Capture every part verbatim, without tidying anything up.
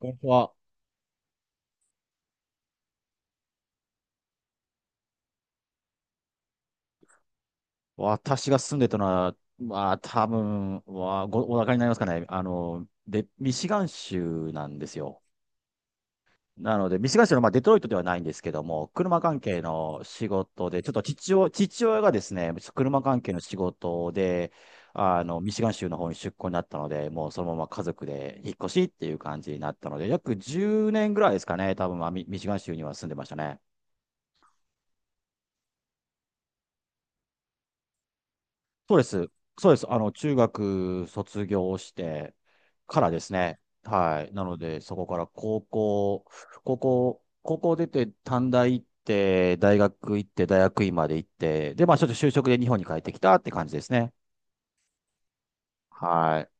ここは、私が住んでたのは、まあ、多分はご、お分かりになりますかね。あの、で、ミシガン州なんですよ。なので、ミシガン州の、まあ、デトロイトではないんですけども、車関係の仕事で、ちょっと父親、父親がですね、車関係の仕事で、あの、ミシガン州の方に出向になったので、もうそのまま家族で引っ越しっていう感じになったので、約じゅうねんぐらいですかね、多分、まあ、ミミシガン州には住んでましたね。そうです。そうです。あの、中学卒業してからですね。はい。なので、そこから高校、高校、高校出て短大行って、大学行って、大学院まで行って、で、まあちょっと就職で日本に帰ってきたって感じですね。はい。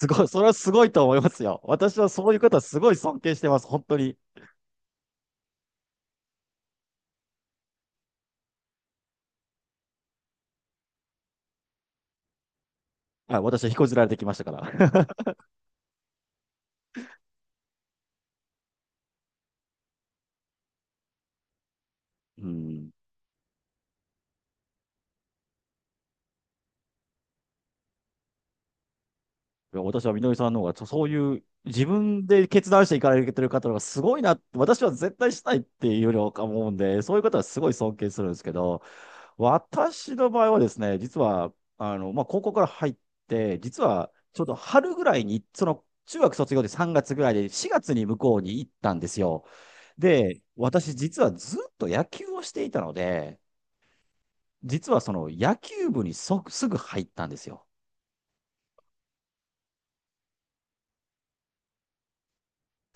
すごい、それはすごいと思いますよ。私はそういう方すごい尊敬してます。本当に。はい。私は引こずられてきましたから。うん。いや私はみのりさんの方がそ、そういう自分で決断していかれてる方の方がすごいなって、私は絶対したいっていうよりは思うんで、そういう方はすごい尊敬するんですけど、私の場合はですね、実は、あの、まあ、高校から入って、実はちょうど春ぐらいに、その、中学卒業でさんがつぐらいでしがつに向こうに行ったんですよ。で、私実はずっと野球をしていたので、実はその野球部にそすぐ入ったんですよ。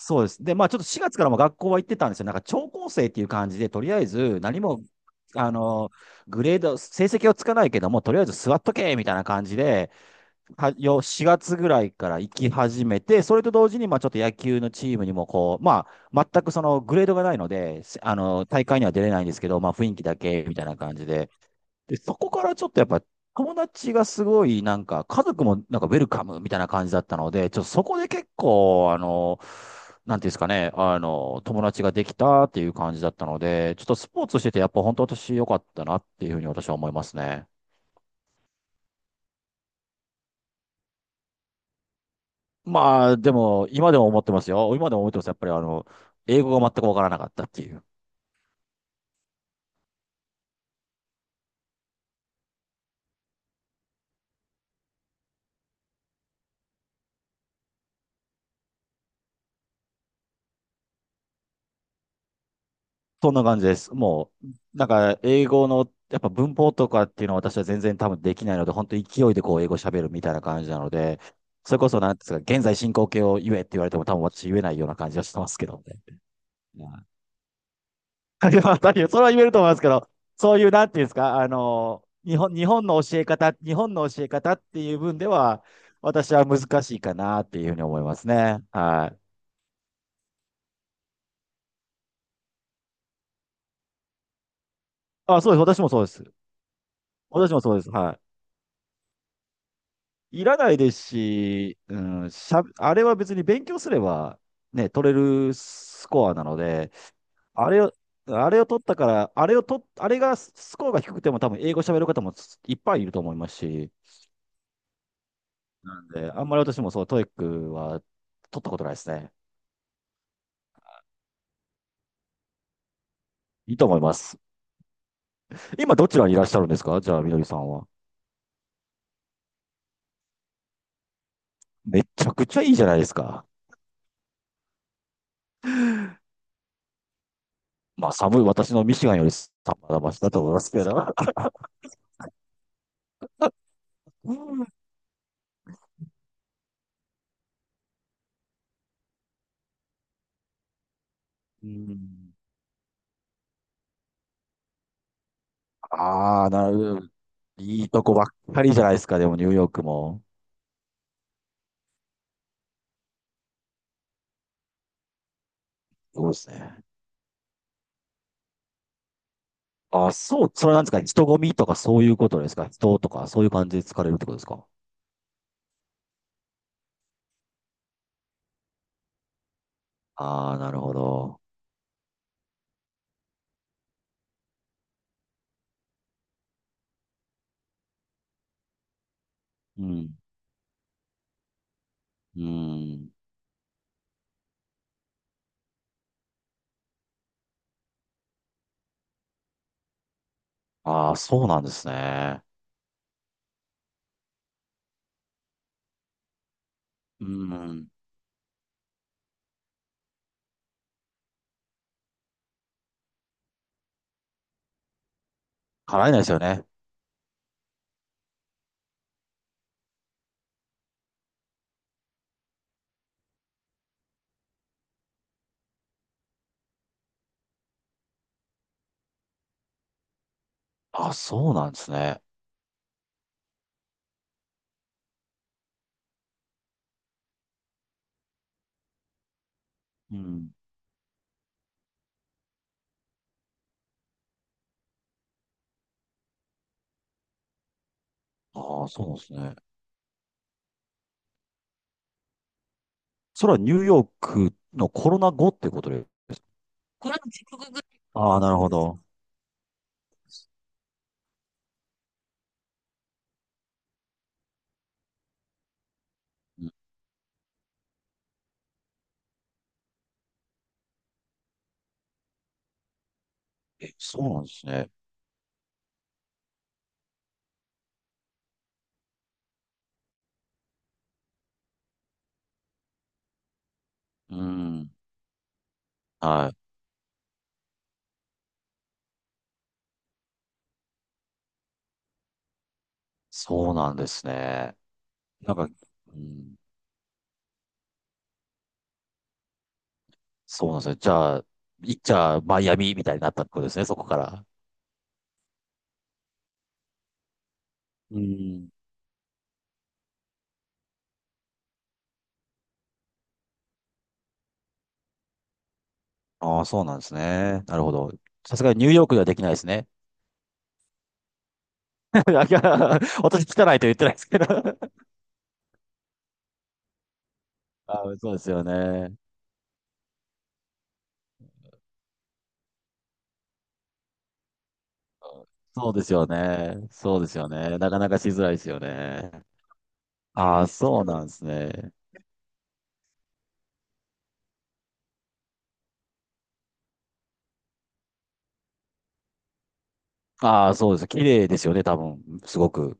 そうです。で、まあちょっとしがつからも学校は行ってたんですよ。なんか超高生っていう感じで、とりあえず何も、あの、グレード、成績をつかないけども、とりあえず座っとけみたいな感じで、はよしがつぐらいから行き始めて、それと同時に、まあちょっと野球のチームにもこう、まあ全くそのグレードがないので、せあの、大会には出れないんですけど、まあ雰囲気だけみたいな感じで、で、そこからちょっとやっぱ友達がすごいなんか家族もなんかウェルカムみたいな感じだったので、ちょっとそこで結構あの、なんていうんですかね、あの、友達ができたっていう感じだったので、ちょっとスポーツしててやっぱ本当私良かったなっていうふうに私は思いますね。まあでも今でも思ってますよ。今でも思ってます。やっぱりあの、英語が全くわからなかったっていう。そんな感じです。もう、なんか、英語の、やっぱ文法とかっていうのは私は全然多分できないので、本当勢いでこう、英語喋るみたいな感じなので、それこそ、なんですか、現在進行形を言えって言われても多分私言えないような感じはしてますけどね。はい いやいやそれは言えると思いますけど、そういう、なんていうんですか、あの、日本、日本の教え方、日本の教え方っていう分では、私は難しいかなっていうふうに思いますね。はい。あ、そうです。私もそうです。私もそうです。はい。いらないですし、うん、しゃ、あれは別に勉強すれば、ね、取れるスコアなので、あれを、あれを取ったから、あれを取っ、あれがスコアが低くても多分英語喋る方もいっぱいいると思いますし、で、あんまり私もそう、トイックは取ったことないですね。いいと思います。今どちらにいらっしゃるんですか？じゃあ、みのりさんは。めちゃくちゃいいじゃないですか。まあ、寒い、私のミシガンより寒いだと思いますけど。うん、ああ、なる、いいとこばっかりじゃないですか、でもニューヨークも。そうですね。あ、そう、それなんですか、人混みとかそういうことですか、人とかそういう感じで疲れるってことですか。ああー、なるほど。うん。うん。ああ、そうなんですね。うん。払えないですよね。ああ、そうなんですね。うん。ああ、そうなんですね。それはニューヨークのコロナ後ってことで。ああ、なるほど。うん、え、そうなんですね。うん。はい。そうなんですね。なんか、うん、そうなんですよ。じゃあ、いっちゃあマイアミみたいになったってことですね、そこから。うん。ああ、そうなんですね。なるほど。さすがにニューヨークではできないですね。だから私汚いと言ってないですけど。あーそうですよね。そうですよね。そうですよね。なかなかしづらいですよね。ああ、そうなんですね。ああ、そうです。綺麗ですよね、多分。すごく。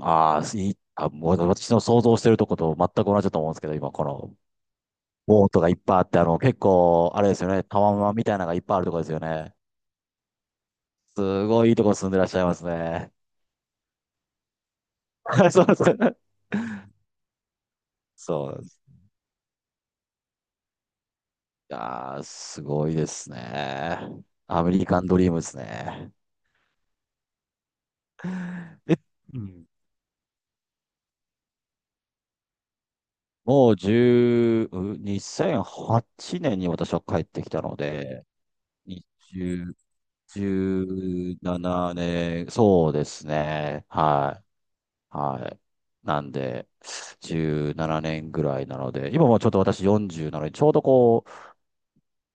ああ、いい。あ、もう私の想像してるとこと全く同じだと思うんですけど、今、このボートがいっぱいあって、あの、結構、あれですよね、タワマンみたいなのがいっぱいあるとこですよね。すごいいいとこ住んでらっしゃいますね。そうです。そうです。いやー、すごいですね。アメリカンドリームですね。え、うん、もう1うにせんはちねんに私は帰ってきたので、にじゅう、じゅうななねん、そうですね。はい。はい。なんで、じゅうななねんぐらいなので、今もちょっと私よんじゅうなので、ちょうどこう、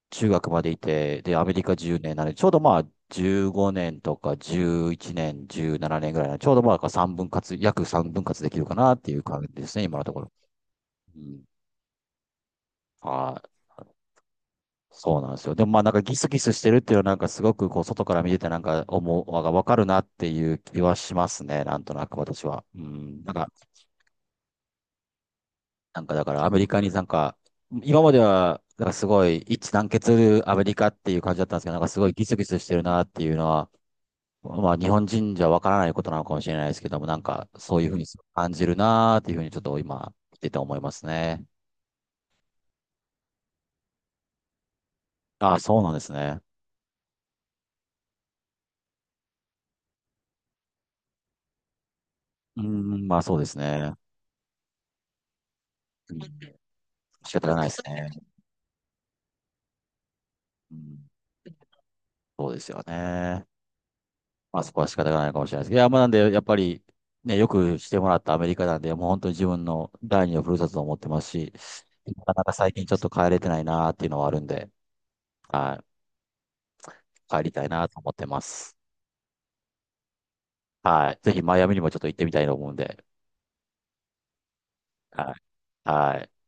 中学までいて、で、アメリカじゅうねんなので、ちょうどまあ、じゅうごねんとかじゅういちねん、じゅうななねんぐらいなので、ちょうどまあ、3分割、約3分割できるかなっていう感じですね、今のところ。うん。はい。そうなんですよ。でもまあなんかギスギスしてるっていうのはなんかすごくこう外から見ててなんか思う、わかるなっていう気はしますね。なんとなく私は。うん。なんかなんかだからアメリカになんか、今まではなんかすごい一致団結するアメリカっていう感じだったんですけど、なんかすごいギスギスしてるなっていうのは、まあ日本人じゃわからないことなのかもしれないですけども、なんかそういうふうに感じるなっていうふうにちょっと今見てて思いますね。ああ、そうなんですね。うーん、まあそうですね。うん、仕方がないですね。うん、そうですよね。まあそこは仕方がないかもしれないですけど、いや、まあなんで、やっぱり、ね、よくしてもらったアメリカなんで、もう本当に自分の第二のふるさとと思ってますし、なかなか最近ちょっと帰れてないなっていうのはあるんで、はい、帰りたいなと思ってます。はい。ぜひマイアミにもちょっと行ってみたいと思うんで、はい。はい。